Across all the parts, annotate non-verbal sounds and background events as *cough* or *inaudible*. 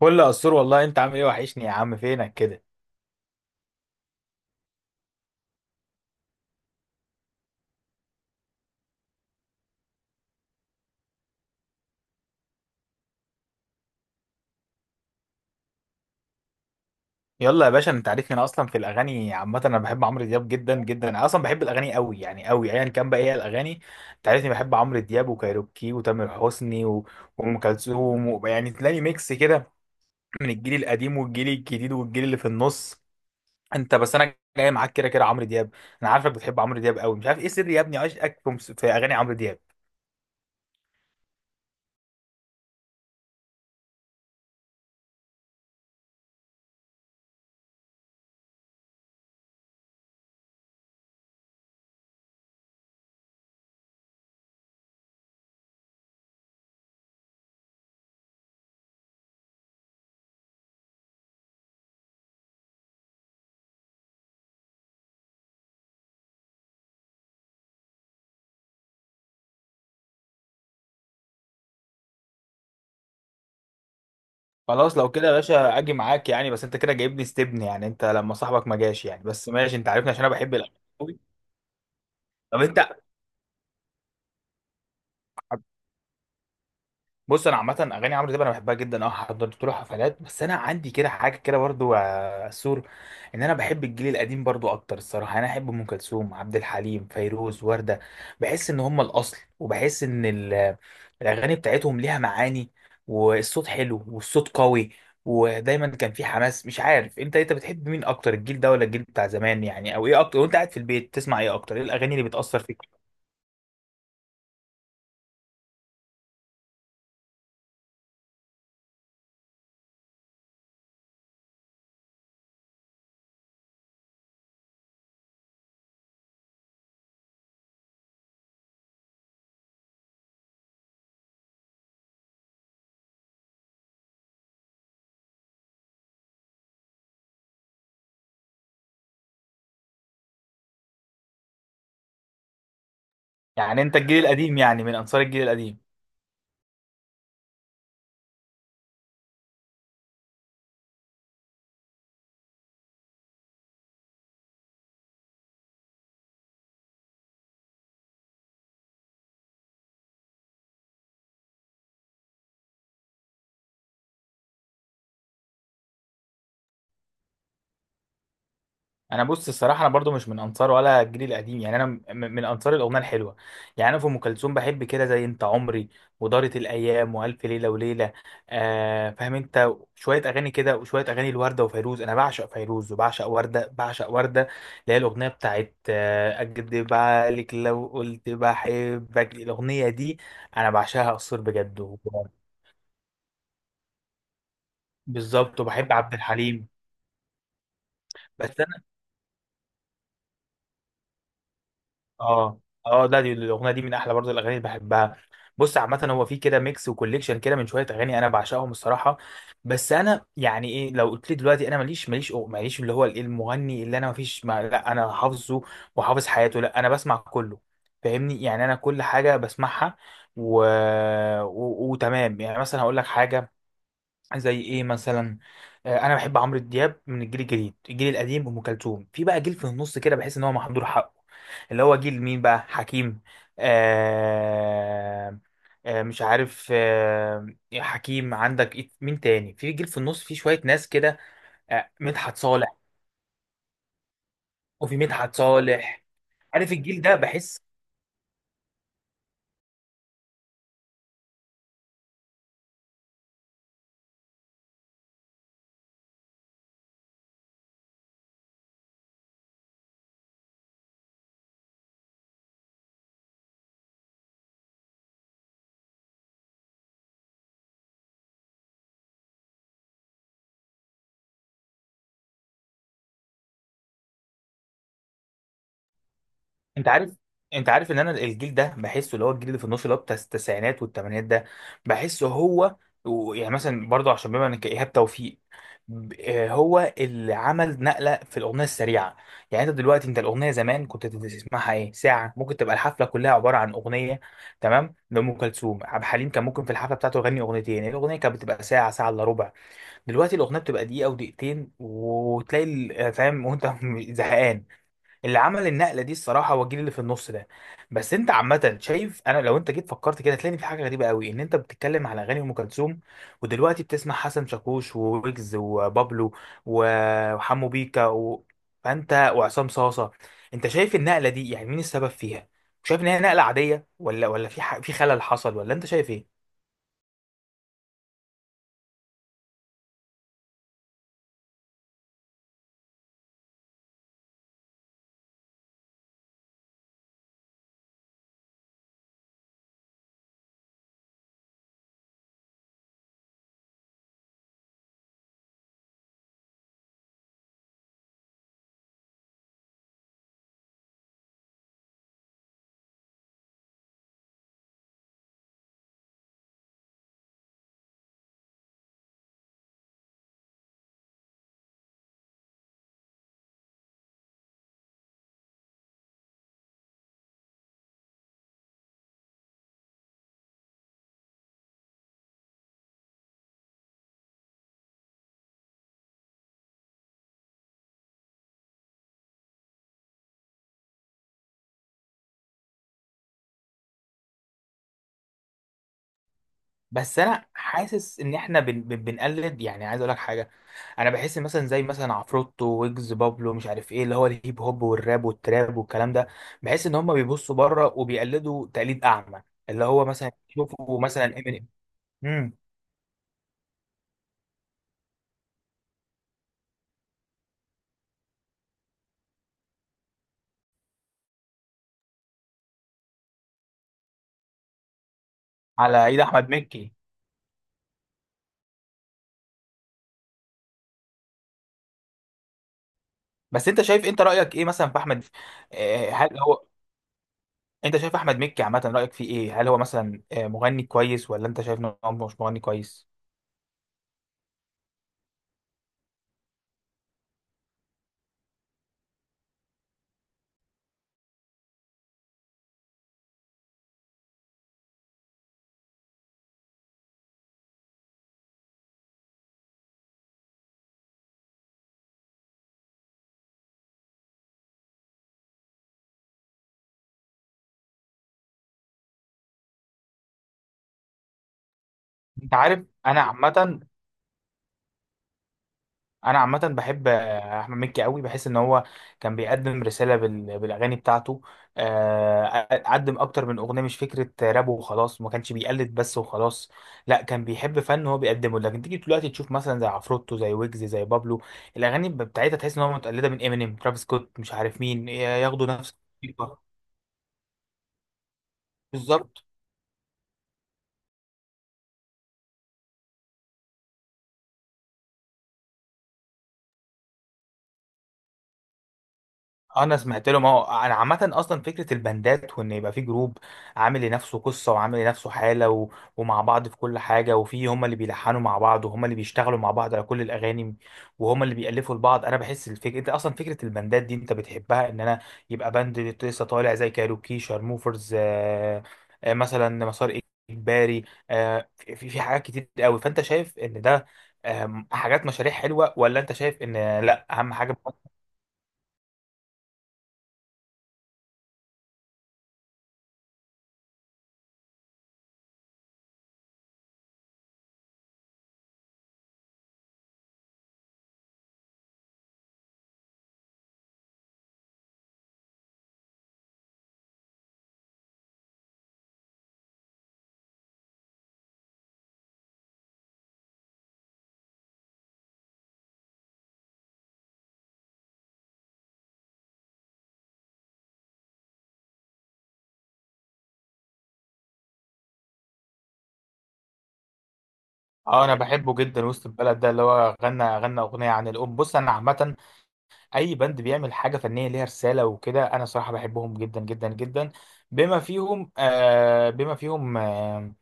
كل قصور والله، انت عامل ايه؟ وحشني يا عم، فينك كده؟ يلا يا باشا، انت عارفني، انا اصلا في الاغاني عامه، انا بحب عمرو دياب جدا جدا، انا اصلا بحب الاغاني قوي، يعني قوي ايا كان، بقى ايه الاغاني؟ انت عارفني بحب عمرو دياب وكايروكي وتامر حسني وام كلثوم يعني تلاقي ميكس كده من الجيل القديم والجيل الجديد والجيل اللي في النص. انت بس انا جاي معاك كده كده عمرو دياب. انا عارفك بتحب عمرو دياب قوي، مش عارف ايه سر يا ابني عشقك في في اغاني عمرو دياب. خلاص لو كده يا باشا اجي معاك يعني، بس انت كده جايبني استبن يعني، انت لما صاحبك ما جاش يعني، بس ماشي، انت عارفني عشان انا بحب الاكل قوي. طب انت، بص انا عامه اغاني عمرو دياب انا بحبها جدا، اه حضرت له حفلات، بس انا عندي كده حاجه كده برضو يا سور، ان انا بحب الجيل القديم برضو اكتر الصراحه، يعني انا احب ام كلثوم، عبد الحليم، فيروز، ورده. بحس ان هم الاصل، وبحس ان الاغاني بتاعتهم ليها معاني، والصوت حلو والصوت قوي، ودايما كان في حماس. مش عارف انت، انت بتحب مين اكتر؟ الجيل ده ولا الجيل بتاع زمان يعني؟ او ايه اكتر وانت قاعد في البيت تسمع؟ ايه اكتر؟ ايه الاغاني اللي بتاثر فيك؟ يعني انت الجيل القديم، يعني من انصار الجيل القديم. انا بص الصراحه، انا برضو مش من انصار ولا الجيل القديم، يعني انا من انصار الاغنيه الحلوه. يعني انا في ام كلثوم بحب كده زي انت عمري، ودارت الايام، والف ليله وليله. آه فاهم؟ انت شويه اغاني كده وشويه اغاني، الورده وفيروز، انا بعشق فيروز وبعشق ورده، بعشق ورده اللي هي الاغنيه بتاعت آه اكدب عليك لو قلت بحبك، الاغنيه دي انا بعشقها اقصر بجد. بالظبط، وبحب عبد الحليم بس. اه اه، لا دي الاغنيه دي من احلى برضه الاغاني اللي بحبها. بص عامه هو في كده ميكس وكوليكشن كده من شويه اغاني انا بعشقهم الصراحه. بس انا يعني ايه، لو قلت لي دلوقتي انا ماليش، ماليش اللي هو الإيه المغني اللي انا مفيش، ما لا انا حافظه وحافظ حياته، لا انا بسمع كله. فاهمني؟ يعني انا كل حاجه بسمعها. و... وتمام يعني، مثلا هقول لك حاجه زي ايه مثلا. آه، انا بحب عمرو دياب من الجيل الجديد، الجيل القديم ام كلثوم، في بقى جيل في النص كده بحس ان هو محضور حقه، اللي هو جيل مين بقى؟ حكيم. آه آه، مش عارف. آه حكيم، عندك مين تاني في جيل في النص؟ في شوية ناس كده. آه، مدحت صالح، وفي مدحت صالح. عارف الجيل ده؟ بحس، انت عارف، ان انا الجيل ده بحسه، اللي هو الجيل اللي في النص، اللي هو بتاع التسعينات والثمانينات ده، بحسه هو. يعني مثلا برضه عشان بما انك ايهاب توفيق، هو اللي عمل نقله في الاغنيه السريعه. يعني انت دلوقتي، انت الاغنيه زمان كنت تسمعها ايه؟ ساعه ممكن تبقى الحفله كلها عباره عن اغنيه، تمام؟ لام كلثوم عبد الحليم كان ممكن في الحفله بتاعته يغني اغنيتين، الاغنيه كانت بتبقى ساعه، ساعه الا ربع. دلوقتي الاغنيه بتبقى دقيقه ودقيقتين، وتلاقي آه، فاهم؟ وانت *laughs* زهقان. اللي عمل النقله دي الصراحه هو الجيل اللي في النص ده. بس انت عامه شايف، انا لو انت جيت فكرت كده هتلاقي في حاجه غريبه قوي، ان انت بتتكلم على اغاني ام كلثوم ودلوقتي بتسمع حسن شاكوش وويجز وبابلو وحمو بيكا فانت، وعصام صاصه. انت شايف النقله دي يعني مين السبب فيها؟ شايف ان هي نقله عاديه، ولا في في خلل حصل ولا انت شايف ايه؟ بس انا حاسس ان احنا بنقلد، يعني عايز اقول لك حاجه، انا بحس إن مثلا، زي مثلا عفروتو، ويجز، بابلو، مش عارف ايه، اللي هو الهيب هوب والراب والتراب والكلام ده، بحس ان هم بيبصوا بره وبيقلدوا تقليد اعمى، اللي هو مثلا يشوفوا مثلا امينيم. امم، على ايد احمد مكي. بس انت شايف، انت رايك ايه مثلا في احمد؟ آه، هل هو، انت شايف احمد مكي عامه رايك فيه ايه؟ هل هو مثلا آه، مغني كويس ولا انت شايف ان هو مش مغني كويس؟ انت عارف انا عامه، بحب آه، احمد مكي قوي، بحس ان هو كان بيقدم رساله بالاغاني بتاعته، آه، قدم اكتر من اغنيه، مش فكره راب وخلاص، ما كانش بيقلد بس وخلاص، لا كان بيحب فن هو بيقدمه. لكن تيجي دلوقتي تشوف مثلا زي عفروتو، زي ويجز، زي بابلو، الاغاني بتاعتها تحس ان هو متقلده من امينيم، ترافيس سكوت، مش عارف مين، ياخدوا نفس الطريقة. بالظبط. اه انا سمعت له، ما هو انا عامه اصلا فكره البندات وان يبقى في جروب عامل لنفسه قصه وعامل لنفسه حاله ومع بعض في كل حاجه، وفي هم اللي بيلحنوا مع بعض وهم اللي بيشتغلوا مع بعض على كل الاغاني وهم اللي بيالفوا لبعض. انا بحس الفكره، انت اصلا فكره البندات دي انت بتحبها، ان انا يبقى بند لسه طالع زي كايروكي، شارموفرز، مثلا مسار اجباري. في حاجات كتير قوي، فانت شايف ان ده حاجات مشاريع حلوه، ولا انت شايف ان لا اهم حاجه؟ اه انا بحبه جدا، وسط البلد ده اللي هو غنى اغنيه عن الام. بص انا عامه اي باند بيعمل حاجه فنيه ليها رساله وكده انا صراحه بحبهم جدا جدا جدا، بما فيهم آه، بما فيهم آه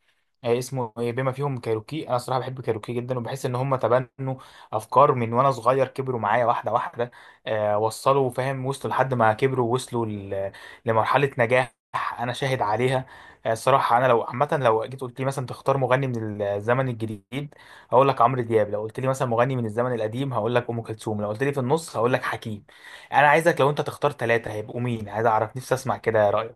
آه، اسمه ايه؟ بما فيهم كايروكي. انا الصراحه بحب كايروكي جدا، وبحس ان هم تبنوا افكار من وانا صغير، كبروا معايا واحده واحده، آه وصلوا، فاهم؟ وصلوا لحد ما كبروا، وصلوا لمرحله نجاح انا شاهد عليها. آه، الصراحه انا لو عامه لو جيت قلت لي مثلا تختار مغني من الزمن الجديد هقول لك عمرو دياب، لو قلت لي مثلا مغني من الزمن القديم هقول لك ام كلثوم، لو قلت لي في النص هقول لك حكيم. انا عايزك لو انت تختار 3 هيبقوا مين، عايز اعرف نفسي اسمع كده رايك.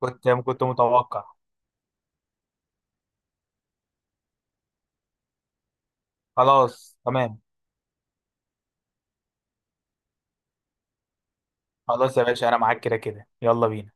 كنت متوقع، خلاص تمام. خلاص يا باشا انا معاك كده كده، يلا بينا.